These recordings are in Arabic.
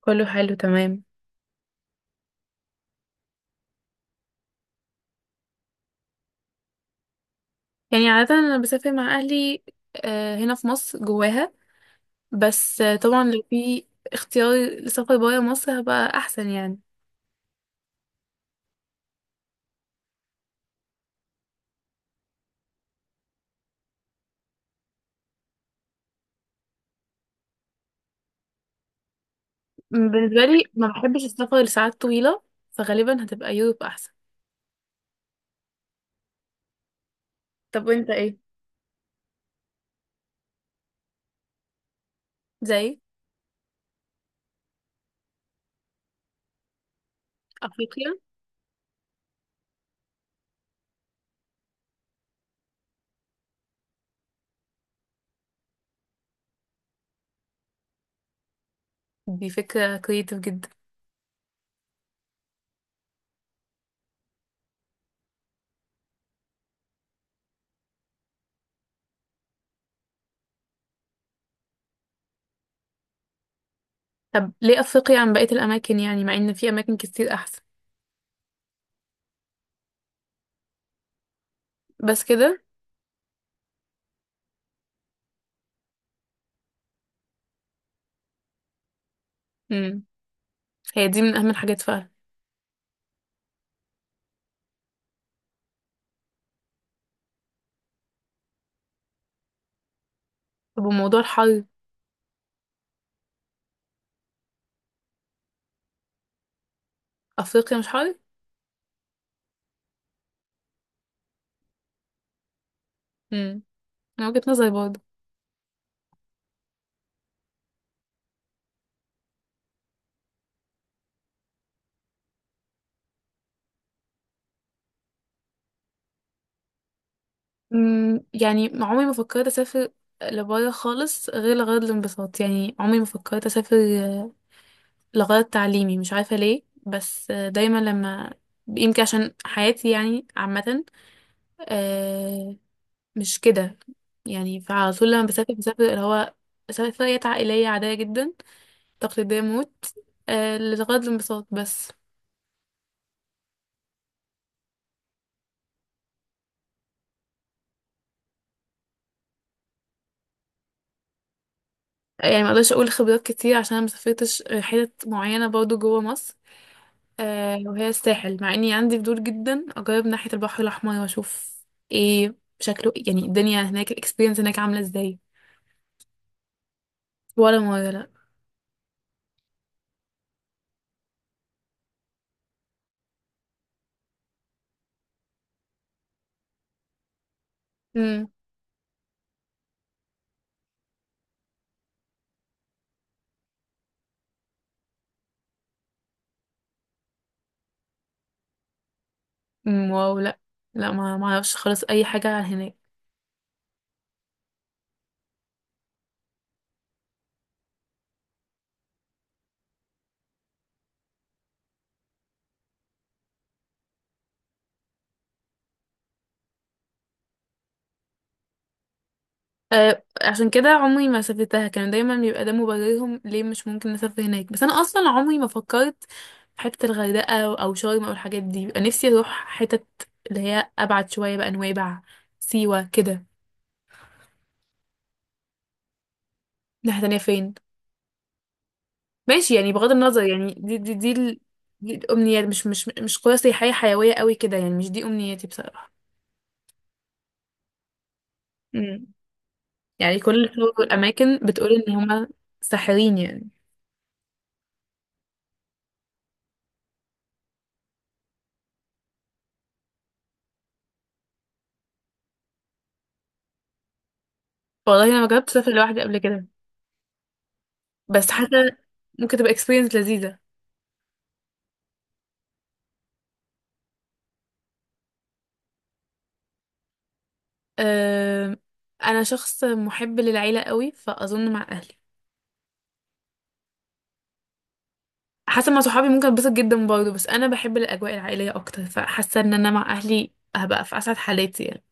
كله حلو تمام. يعني عادة أنا بسافر مع أهلي، هنا في مصر جواها. بس طبعا لو في اختيار لسفر برا مصر هبقى أحسن يعني. بالنسبة لي ما بحبش السفر لساعات طويلة، فغالبا هتبقى يوروب أحسن. طب وانت ايه؟ زي أفريقيا؟ دي فكرة كريتيف جدا. طب ليه أفريقيا عن بقية الأماكن يعني مع إن في أماكن كتير أحسن؟ بس كده؟ مم. هي دي من أهم الحاجات فعلا. طب وموضوع الحر؟ أفريقيا مش حر؟ مم. من وجهة نظري برضه. يعني عمري ما فكرت اسافر لبره خالص غير لغرض الانبساط، يعني عمري ما فكرت اسافر آه، لغرض تعليمي. مش عارفه ليه، بس دايما لما، يمكن عشان حياتي يعني عامه، آه، مش كده. يعني فعلى طول لما بسافر بسافر اللي هو سفريات عائليه عاديه جدا، تقليديه موت. لغرض الانبساط بس. يعني ما اقدرش اقول خبرات كتير عشان أنا ما سافرتش حتت معينه برضو جوه مصر. وهي الساحل، مع اني عندي فضول جدا اجرب ناحية البحر الاحمر واشوف ايه شكله، يعني الدنيا هناك الاكسبيرينس هناك عاملة ازاي. ولا مرة لا. امم أمم، واو، لا، لا، ما اعرفش خالص اي حاجة عن هناك. عشان كده عمري ما سافرتها، كان دايما بيبقى ده مبررهم ليه مش ممكن نسافر هناك. بس انا اصلا عمري ما فكرت في حتة الغردقة او شرم او الحاجات دي. بيبقى نفسي اروح حتت اللي هي ابعد شوية بقى، نويبع، سيوة كده. ناحية تانية فين؟ ماشي، يعني بغض النظر، يعني دي الأمنيات، مش قرى سياحية حيوية قوي كده، يعني مش دي أمنياتي بصراحة. امم يعني كل الشغل والأماكن بتقول إن هما ساحرين يعني. والله أنا ما جربت أسافر لوحدي قبل كده، بس حاسة ممكن تبقى experience لذيذة. أه... أنا شخص محب للعيلة قوي فأظن مع أهلي. حاسة مع صحابي ممكن أتبسط جدا برضه، بس أنا بحب الأجواء العائلية أكتر، فحاسة إن أنا مع أهلي هبقى في أسعد حالاتي يعني.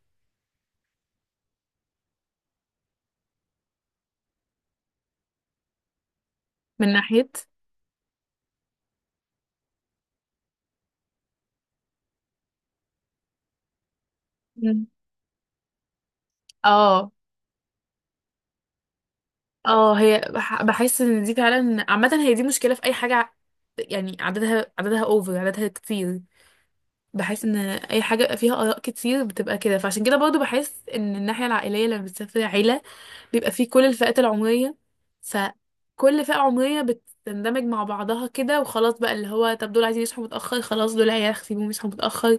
من ناحية. مم. اه، اه، هي بحس ان دي فعلا عامة، هي دي مشكلة في اي حاجة يعني عددها عددها اوفر، عددها كتير. بحس ان اي حاجه بيبقى فيها اراء كتير بتبقى كده، فعشان كده برضو بحس ان الناحيه العائليه لما بتسافر عيله بيبقى فيه كل الفئات العمريه، فكل فئه عمريه بتندمج مع بعضها كده وخلاص بقى. اللي هو طب دول عايزين يصحوا متاخر خلاص، دول عيال سيبوهم يصحوا متاخر،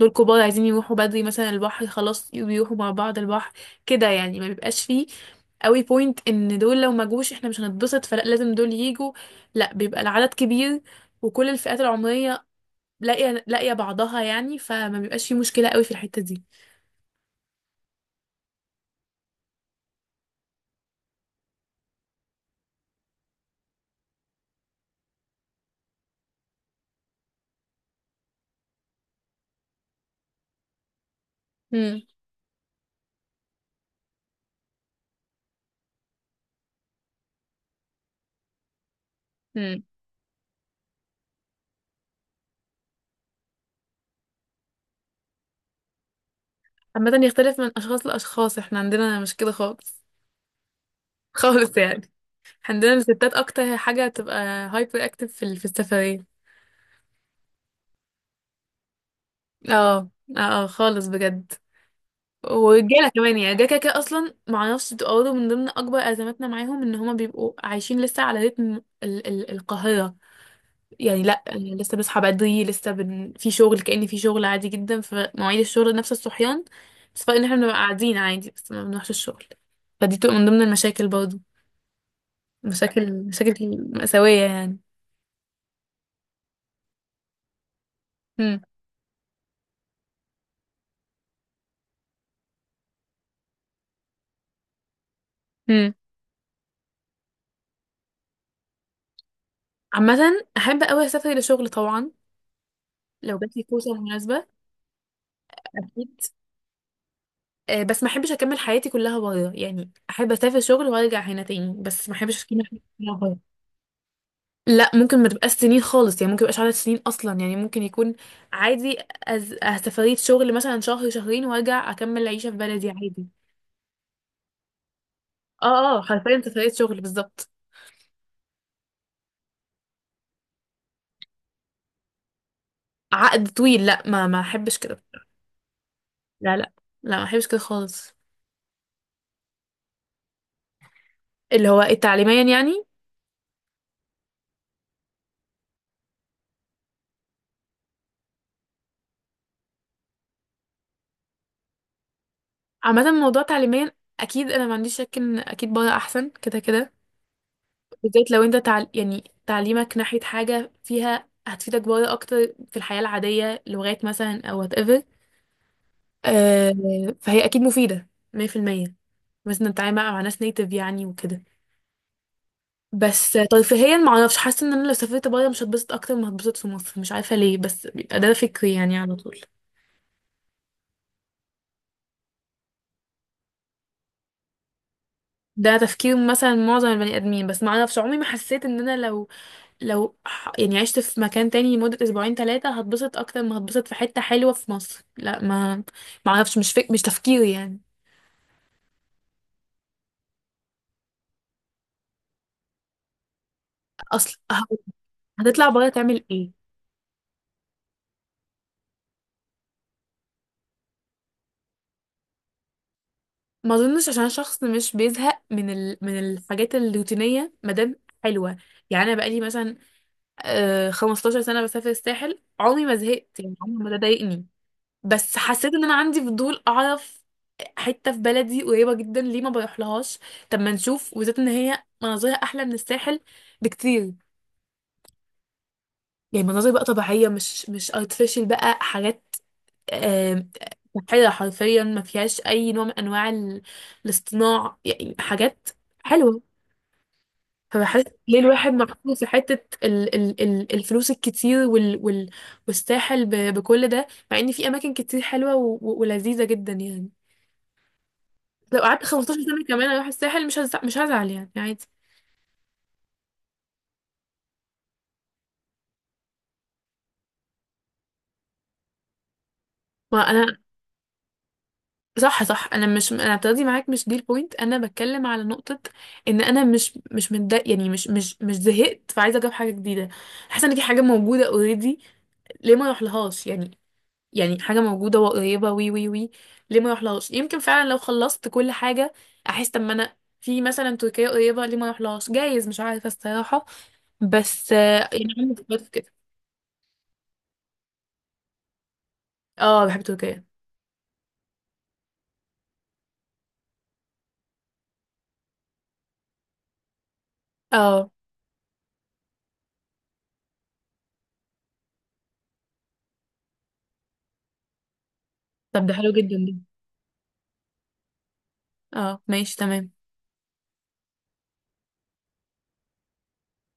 دول كبار عايزين يروحوا بدري مثلا البحر خلاص بيروحوا مع بعض البحر كده. يعني ما بيبقاش فيه قوي بوينت ان دول لو ما جوش احنا مش هنتبسط، فلا لازم دول يجوا، لا بيبقى العدد كبير وكل الفئات العمرية لاقيه لاقيه بعضها، يعني فما بيبقاش في مشكله قوي في الحته دي. مم. مم. عامه يختلف من اشخاص لاشخاص، احنا عندنا مش كده خالص. خالص يعني. عندنا الستات اكتر حاجه تبقى هايبر اكتف في السفريه. اه، اه، آه، خالص بجد. ورجاله كمان، يعني الرجاله كده كده اصلا معرفش، بتبقى برضه من ضمن اكبر ازماتنا معاهم ان هما بيبقوا عايشين لسه على رتم ال القاهره. يعني لا، يعني لسه بصحى بدري، في شغل، كأن في شغل عادي جدا، فمواعيد الشغل نفس الصحيان، بس فرق ان احنا بنبقى قاعدين عادي بس ما بنروحش الشغل. فدي بتبقى من ضمن المشاكل برضه، مشاكل مشاكل مأساوية يعني. هم. هم. عامة أحب أوي أسافر لشغل طبعا لو جاتلي فرصة مناسبة. أكيد. بس ما أحبش أكمل حياتي كلها بره، يعني أحب أسافر شغل وأرجع هنا تاني، بس ما أحبش أكمل حياتي كلها بره. لا، ممكن ما تبقاش سنين خالص يعني، ممكن يبقاش عدد سنين اصلا، يعني ممكن يكون عادي. أز... أه سفرية شغل مثلا شهر شهرين، وارجع اكمل عيشة في بلدي عادي. اه، اه، حرفيا سفرية شغل بالظبط. عقد طويل؟ لا، ما احبش كده. لا، لا، لا، ما احبش كده خالص. اللي هو التعليميا يعني. عامة موضوع تعليميا، اكيد انا ما عنديش شك ان اكيد بره احسن كده كده، بالذات لو انت يعني تعليمك ناحية حاجة فيها هتفيدك بره اكتر في الحياة العادية، لغات مثلا او whatever. آه. فهي اكيد مفيده 100%، مثلا نتعامل مع ناس نيتف يعني وكده. بس ترفيهيا ما اعرفش، حاسه ان انا لو سافرت بره مش هتبسط اكتر ما هتبسط في مصر، مش عارفه ليه بس بيبقى ده فكري يعني على طول. ده تفكير مثلا معظم البني ادمين، بس ما اعرفش عمري ما حسيت ان انا لو يعني عشت في مكان تاني لمده اسبوعين ثلاثه هتبسط اكتر ما هتبسط في حته حلوه في مصر، لا. ما اعرفش مش تفكيري يعني. اصل هتطلع بره تعمل ايه؟ ما اظنش، عشان شخص مش بيزهق من الحاجات الروتينيه ما دام حلوه. يعني انا بقالي مثلا 15 سنه بسافر الساحل، عمري ما زهقت يعني، عمري ما ده ضايقني. بس حسيت ان انا عندي فضول اعرف حته في بلدي قريبه جدا ليه ما بروح لهاش. طب ما نشوف، وزيت ان هي مناظرها احلى من الساحل بكتير، يعني مناظر بقى طبيعية، مش artificial، بقى حاجات آم، صحية، حرفيا ما فيهاش أي نوع من أنواع الاصطناع، يعني حاجات حلوة. فبحس ليه الواحد محطوط في حتة ال ال ال الفلوس الكتير والساحل بكل ده، مع إن في أماكن كتير حلوة ولذيذة جدا يعني. لو قعدت 15 سنة كمان أروح الساحل، مش هزعل يعني، عادي. ما أنا. صح، صح، انا مش، انا بتاخدي معاك، مش دي البوينت، انا بتكلم على نقطه ان انا مش متضايق يعني، مش زهقت، فعايزه اجرب حاجه جديده، حاسه ان في حاجه موجوده اوريدي، ليه ما اروح لهاش يعني حاجه موجوده وقريبه، وي وي وي ليه ما اروح لهاش. يمكن فعلا لو خلصت كل حاجه احس طب ما انا في مثلا تركيا قريبه، ليه ما اروح لهاش، جايز، مش عارفه الصراحه. بس يعني عندي فكرة في كده. اه، بحب تركيا. اه، طب ده حلو جدا ده. اه، ماشي تمام.